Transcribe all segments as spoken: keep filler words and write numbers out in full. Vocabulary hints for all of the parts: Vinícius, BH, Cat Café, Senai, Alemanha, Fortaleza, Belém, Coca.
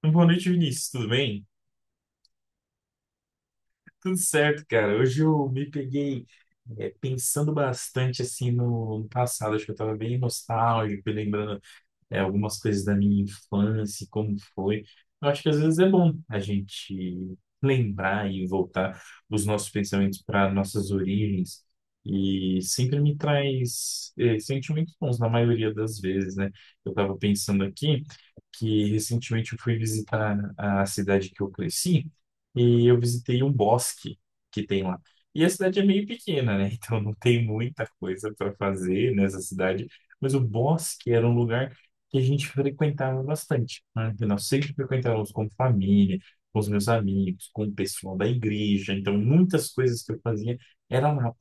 Então, boa noite, Vinícius. Tudo bem? Tudo certo, cara. Hoje eu me peguei é, pensando bastante assim no no passado. Acho que eu tava bem nostálgico, lembrando é, algumas coisas da minha infância, como foi. Eu acho que às vezes é bom a gente lembrar e voltar os nossos pensamentos para nossas origens. E sempre me traz eh, sentimentos bons, na maioria das vezes, né? Eu estava pensando aqui que recentemente eu fui visitar a cidade que eu cresci e eu visitei um bosque que tem lá. E a cidade é meio pequena, né? Então não tem muita coisa para fazer nessa cidade, mas o bosque era um lugar que a gente frequentava bastante, né? Que nós sempre frequentávamos com família, com os meus amigos, com o pessoal da igreja. Então, muitas coisas que eu fazia era lá.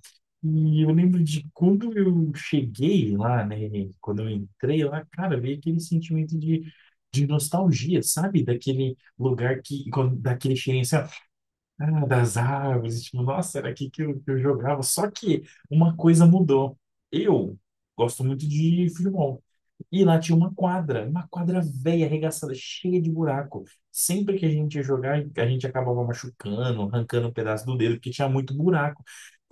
E eu lembro de quando eu cheguei lá, né? Quando eu entrei lá, cara, veio aquele sentimento de, de nostalgia, sabe? Daquele lugar que, quando- daquele cheirinho assim, ó, ah, das árvores, tipo, nossa, era aqui que eu, que eu jogava. Só que uma coisa mudou. Eu gosto muito de futebol. E lá tinha uma quadra, uma quadra velha, arregaçada, cheia de buraco. Sempre que a gente ia jogar, a gente acabava machucando, arrancando um pedaço do dedo, porque tinha muito buraco.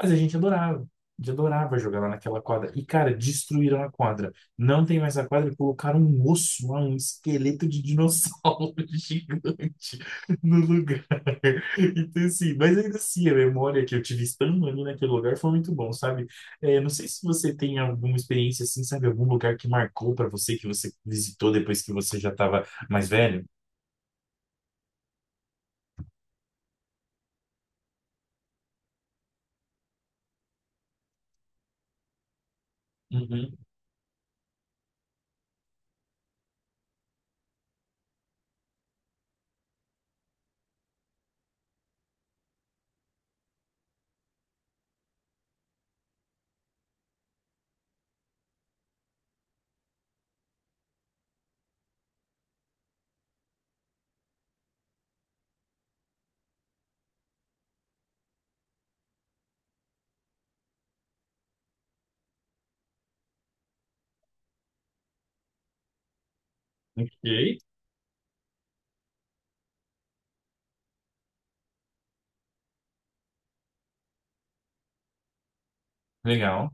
Mas a gente adorava, a gente adorava jogar lá naquela quadra. E, cara, destruíram a quadra. Não tem mais a quadra e colocaram um osso lá, um esqueleto de dinossauro gigante no lugar. Então, assim, mas ainda assim, a memória que eu tive estando ali naquele lugar foi muito bom, sabe? É, não sei se você tem alguma experiência assim, sabe? Algum lugar que marcou para você, que você visitou depois que você já estava mais velho? Uhum. Ok, legal.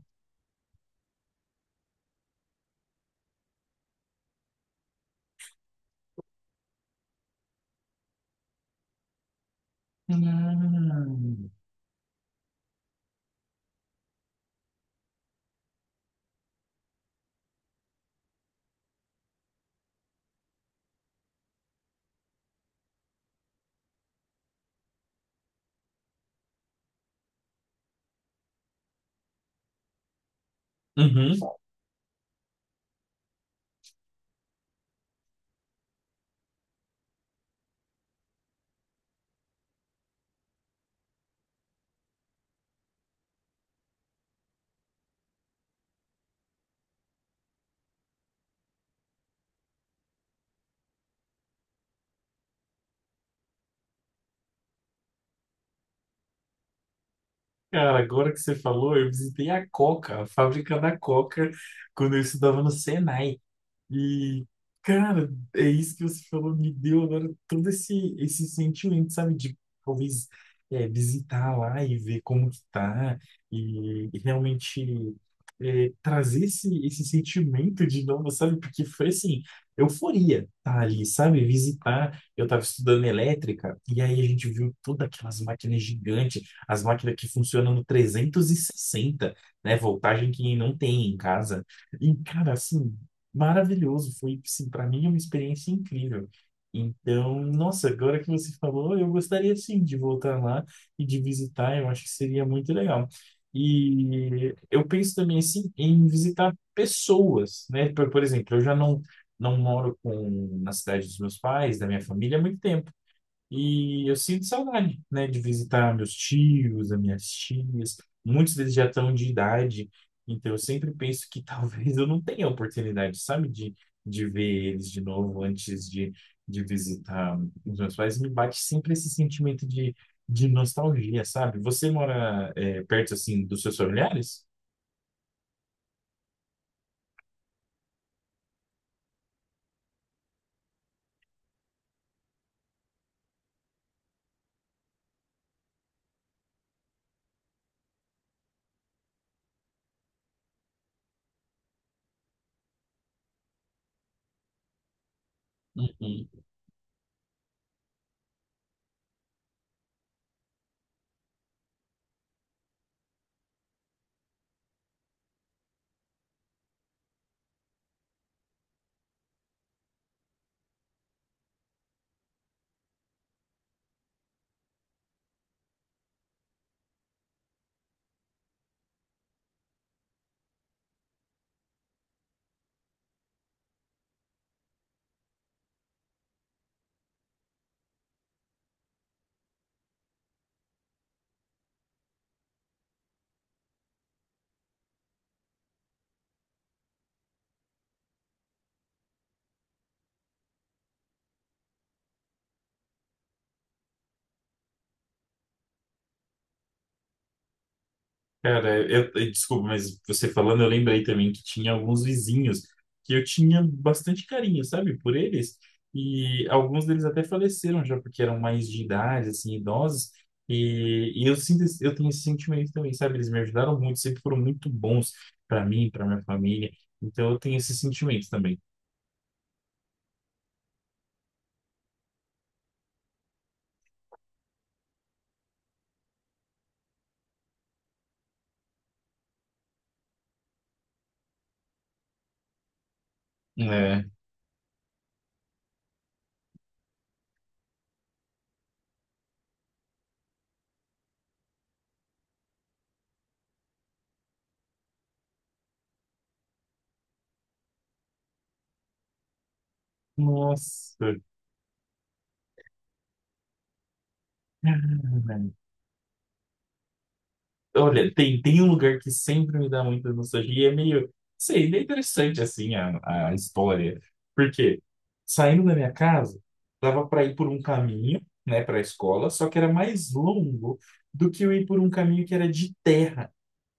Hum. Uhum. Cara, agora que você falou, eu visitei a Coca, a fábrica da Coca, quando eu estudava no Senai. E, cara, é isso que você falou, me deu agora todo esse, esse sentimento, sabe, de talvez é, visitar lá e ver como que tá, e, e realmente é, trazer esse, esse sentimento de novo, sabe, porque foi assim, euforia tá ali, sabe, visitar, eu tava estudando elétrica, e aí a gente viu todas aquelas máquinas gigantes, as máquinas que funcionam no trezentos e sessenta, né, voltagem que não tem em casa, e, cara, assim, maravilhoso. Foi, assim, para mim, uma experiência incrível. Então, nossa, agora que você falou, eu gostaria sim de voltar lá e de visitar, eu acho que seria muito legal. E eu penso também assim em visitar pessoas, né? Por, por exemplo, eu já não não moro com na cidade dos meus pais, da minha família há muito tempo. E eu sinto saudade, né, de visitar meus tios, as minhas tias. Muitos deles já estão de idade, então eu sempre penso que talvez eu não tenha a oportunidade, sabe, de, de ver eles de novo antes de, de visitar os meus pais. Me bate sempre esse sentimento de, de nostalgia, sabe? Você mora, eh, perto, assim, dos seus familiares? Uhum. Cara, eu, eu- desculpa, mas você falando, eu lembrei também que tinha alguns vizinhos que eu tinha bastante carinho, sabe, por eles. E alguns deles até faleceram já, porque eram mais de idade, assim, idosos. E, e eu sinto, esse- eu tenho esse sentimento também, sabe? Eles me ajudaram muito, sempre foram muito bons para mim, para minha família. Então eu tenho esse sentimento também. É. Nossa. Olha, tem, tem um lugar que sempre me dá muita nostalgia e é meio, sei, é interessante assim a, a história. Porque saindo da minha casa, dava para ir por um caminho, né, para a escola, só que era mais longo do que eu ir por um caminho que era de terra.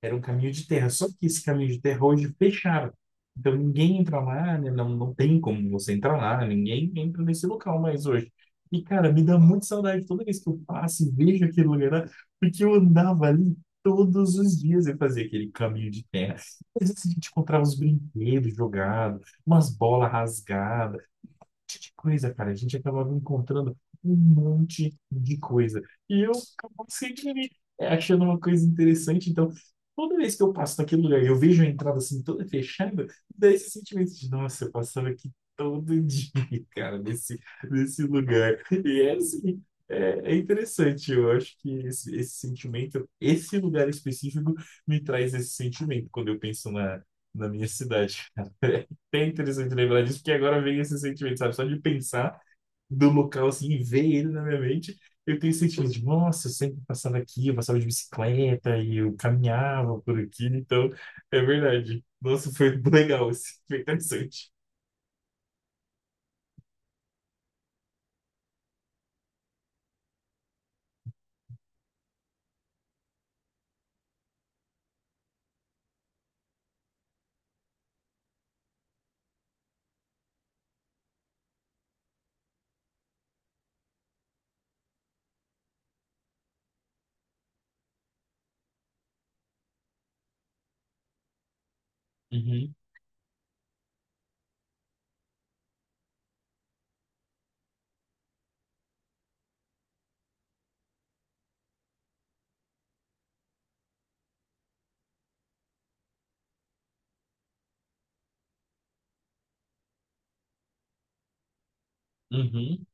Era um caminho de terra, só que esse caminho de terra hoje fecharam. Então ninguém entra lá, né? Não, não tem como você entrar lá, ninguém entra nesse local mais hoje. E, cara, me dá muita saudade toda vez que eu passo e vejo aquele lugar lá, porque eu andava ali todos os dias e fazia aquele caminho de terra. Às vezes a gente encontrava uns brinquedos jogados, umas bolas rasgadas monte de coisa, cara. A gente acabava encontrando um monte de coisa. E eu acabava sempre me achando uma coisa interessante. Então, toda vez que eu passo naquele lugar e eu vejo a entrada assim toda fechada, dá esse sentimento de, nossa, eu passava aqui todo dia, cara, nesse, nesse lugar. E é assim. É, é interessante, eu acho que esse, esse sentimento, esse lugar específico me traz esse sentimento quando eu penso na, na minha cidade. bem interessante lembrar disso, porque agora vem esse sentimento, sabe? Só de pensar do local assim e ver ele na minha mente, eu tenho esse sentimento de, nossa, eu sempre passava aqui, eu passava de bicicleta e eu caminhava por aqui, então é verdade. Nossa, foi legal, esse, foi interessante. Uhum, uhum.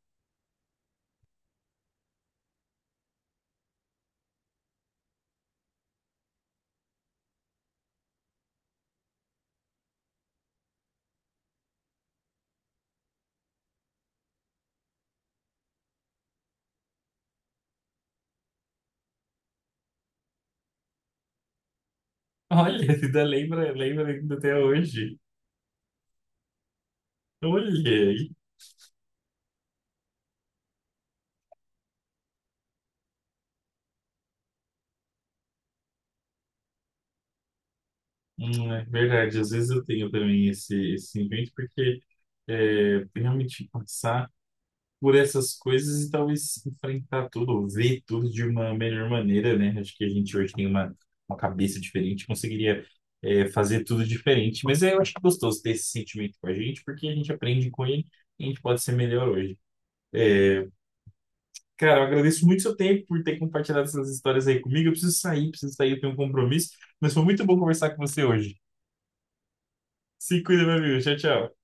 Olha, ainda lembra, lembra ainda até hoje. Olha aí. Hum, é verdade, às vezes eu tenho também esse, esse sentimento, porque é, realmente passar por essas coisas e talvez enfrentar tudo, ou ver tudo de uma melhor maneira, né? Acho que a gente hoje tem uma, uma cabeça diferente, conseguiria é, fazer tudo diferente. Mas eu acho gostoso ter esse sentimento com a gente, porque a gente aprende com ele e a gente pode ser melhor hoje. Cara, eu agradeço muito seu tempo por ter compartilhado essas histórias aí comigo. Eu preciso sair, preciso sair, eu tenho um compromisso, mas foi muito bom conversar com você hoje. Se cuida, meu amigo. Tchau, tchau.